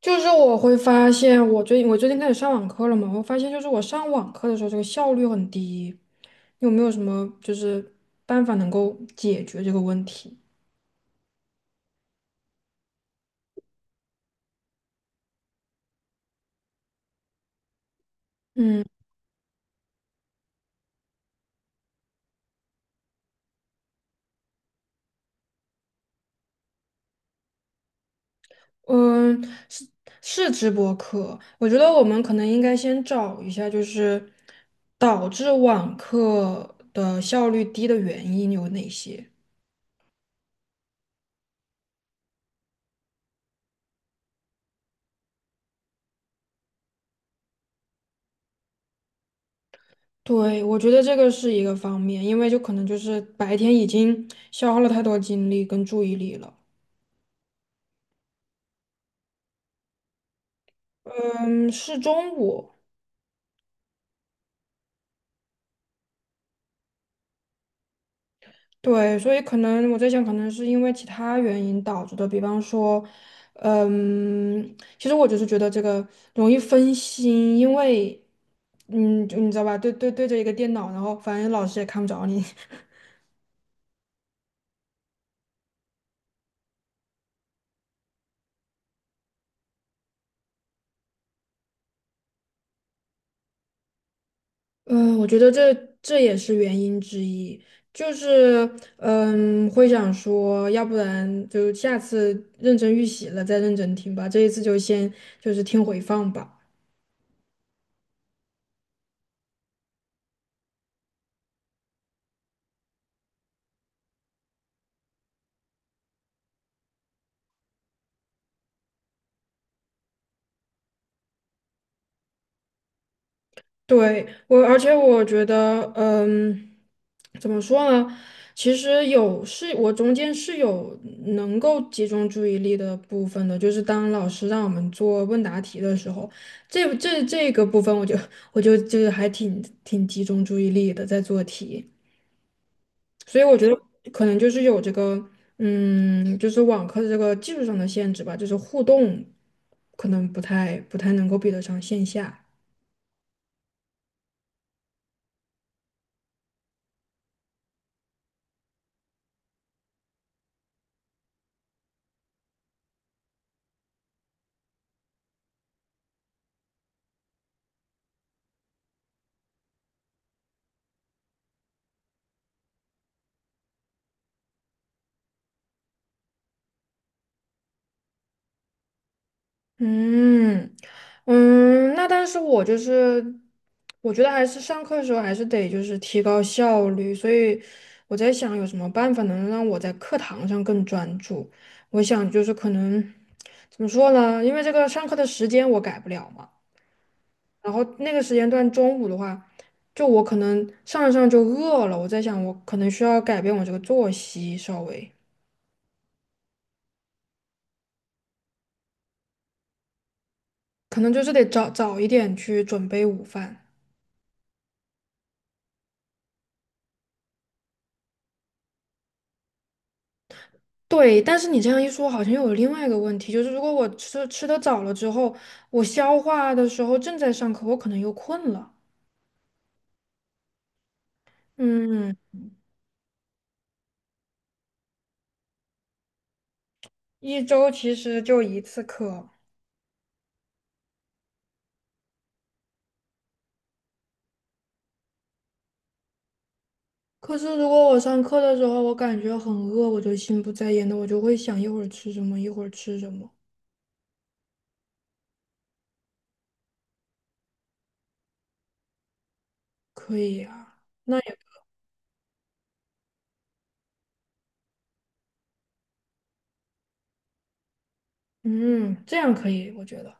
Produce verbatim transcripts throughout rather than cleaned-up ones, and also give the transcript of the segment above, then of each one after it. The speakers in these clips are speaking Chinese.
就是我会发现，我最近我最近开始上网课了嘛，我发现就是我上网课的时候，这个效率很低。有没有什么就是办法能够解决这个问题？嗯嗯，是是直播课，我觉得我们可能应该先找一下，就是导致网课的效率低的原因有哪些。对，我觉得这个是一个方面，因为就可能就是白天已经消耗了太多精力跟注意力了。嗯，是中午，对，所以可能我在想，可能是因为其他原因导致的，比方说，嗯，其实我就是觉得这个容易分心，因为，嗯，就你知道吧，对对对着一个电脑，然后反正老师也看不着你，嗯，我觉得这这也是原因之一，就是嗯，会想说，要不然就下次认真预习了再认真听吧，这一次就先就是听回放吧。对，我，而且我觉得，嗯，怎么说呢？其实有是，我中间是有能够集中注意力的部分的，就是当老师让我们做问答题的时候，这这这个部分我就我就就是还挺挺集中注意力的在做题，所以我觉得可能就是有这个，嗯，就是网课的这个技术上的限制吧，就是互动可能不太不太能够比得上线下。嗯嗯，那但是我就是，我觉得还是上课的时候还是得就是提高效率，所以我在想有什么办法能让我在课堂上更专注。我想就是可能怎么说呢？因为这个上课的时间我改不了嘛，然后那个时间段中午的话，就我可能上着上着就饿了，我在想我可能需要改变我这个作息稍微，可能就是得早早一点去准备午饭。对，但是你这样一说，好像又有另外一个问题，就是如果我吃吃的早了之后，我消化的时候正在上课，我可能又困了。嗯，一周其实就一次课。可是如果我上课的时候，我感觉很饿，我就心不在焉的，我就会想一会儿吃什么，一会儿吃什么。可以啊，那也，嗯，这样可以，我觉得。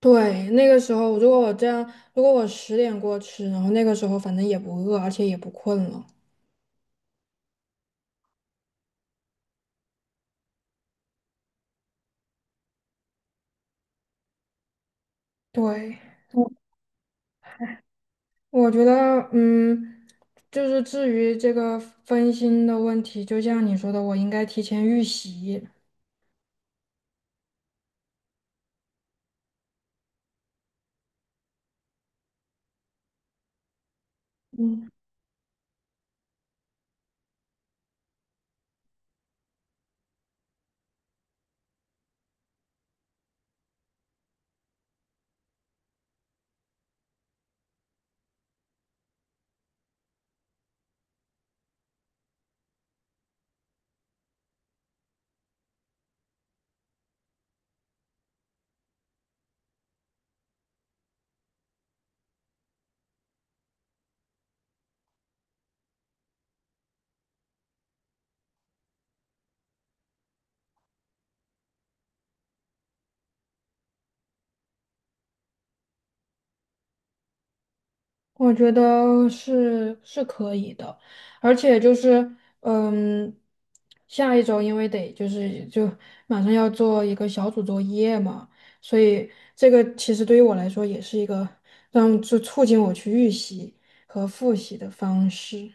对，那个时候如果我这样，如果我十点过吃，然后那个时候反正也不饿，而且也不困了。对。我觉得，嗯，就是至于这个分心的问题，就像你说的，我应该提前预习，我觉得是是可以的，而且就是，嗯，下一周因为得就是就马上要做一个小组作业嘛，所以这个其实对于我来说也是一个让就促进我去预习和复习的方式。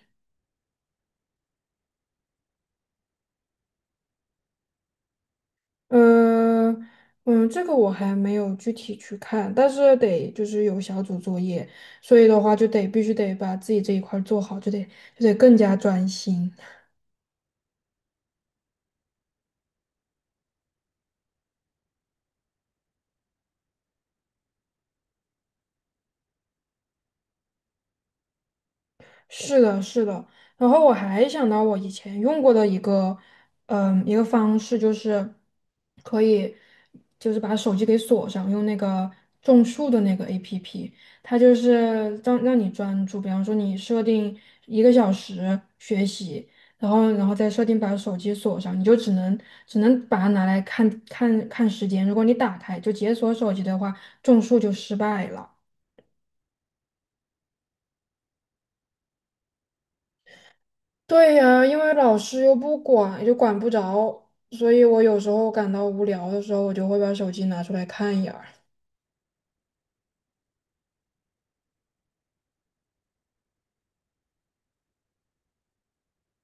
嗯嗯，这个我还没有具体去看，但是得就是有小组作业，所以的话就得必须得把自己这一块儿做好，就得就得更加专心。是的，是的。然后我还想到我以前用过的一个，嗯，一个方式就是可以，就是把手机给锁上，用那个种树的那个 A P P，它就是让让你专注。比方说你设定一个小时学习，然后然后再设定把手机锁上，你就只能只能把它拿来看看看时间。如果你打开就解锁手机的话，种树就失败了。对呀，因为老师又不管，就管不着，所以我有时候感到无聊的时候，我就会把手机拿出来看一眼儿。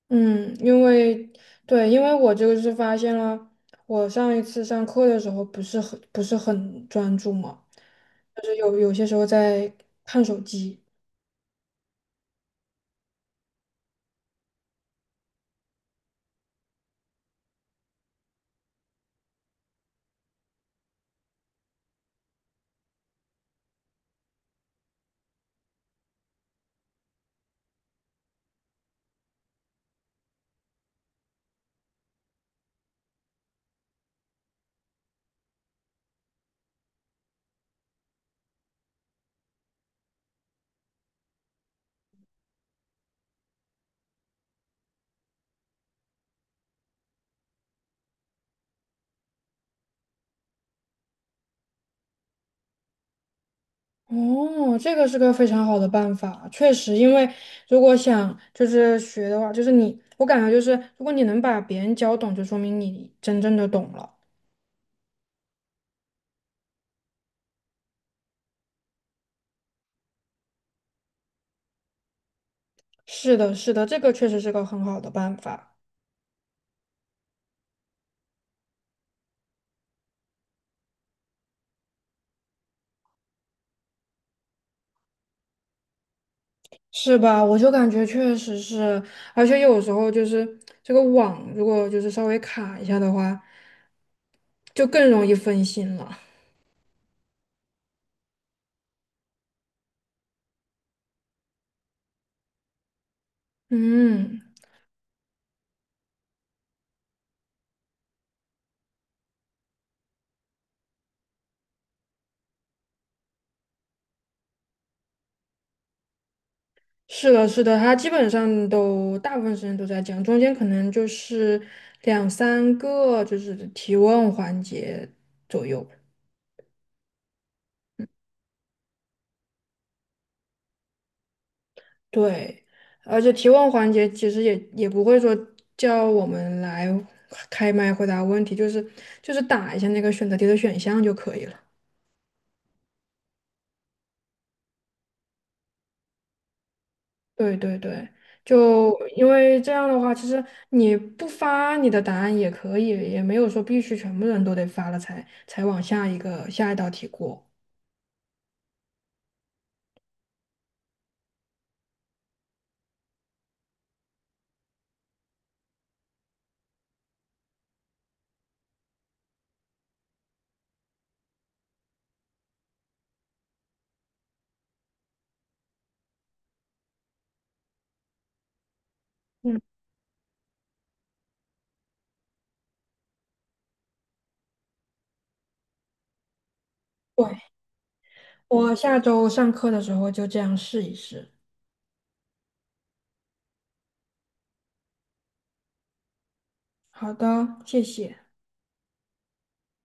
嗯，因为对，因为我这个是发现了，我上一次上课的时候不是很不是很专注嘛，就是有有些时候在看手机。哦，这个是个非常好的办法，确实，因为如果想就是学的话，就是你，我感觉就是如果你能把别人教懂，就说明你真正的懂了。是的，是的，这个确实是个很好的办法，是吧？我就感觉确实是，而且有时候就是这个网如果就是稍微卡一下的话，就更容易分心了。嗯，是的，是的，他基本上都大部分时间都在讲，中间可能就是两三个就是提问环节，对，而且提问环节其实也也不会说叫我们来开麦回答问题，就是就是打一下那个选择题的选项就可以了。对对对，就因为这样的话，其实你不发你的答案也可以，也没有说必须全部人都得发了才才往下一个下一道题过。嗯，对，我下周上课的时候就这样试一试。好的，谢谢。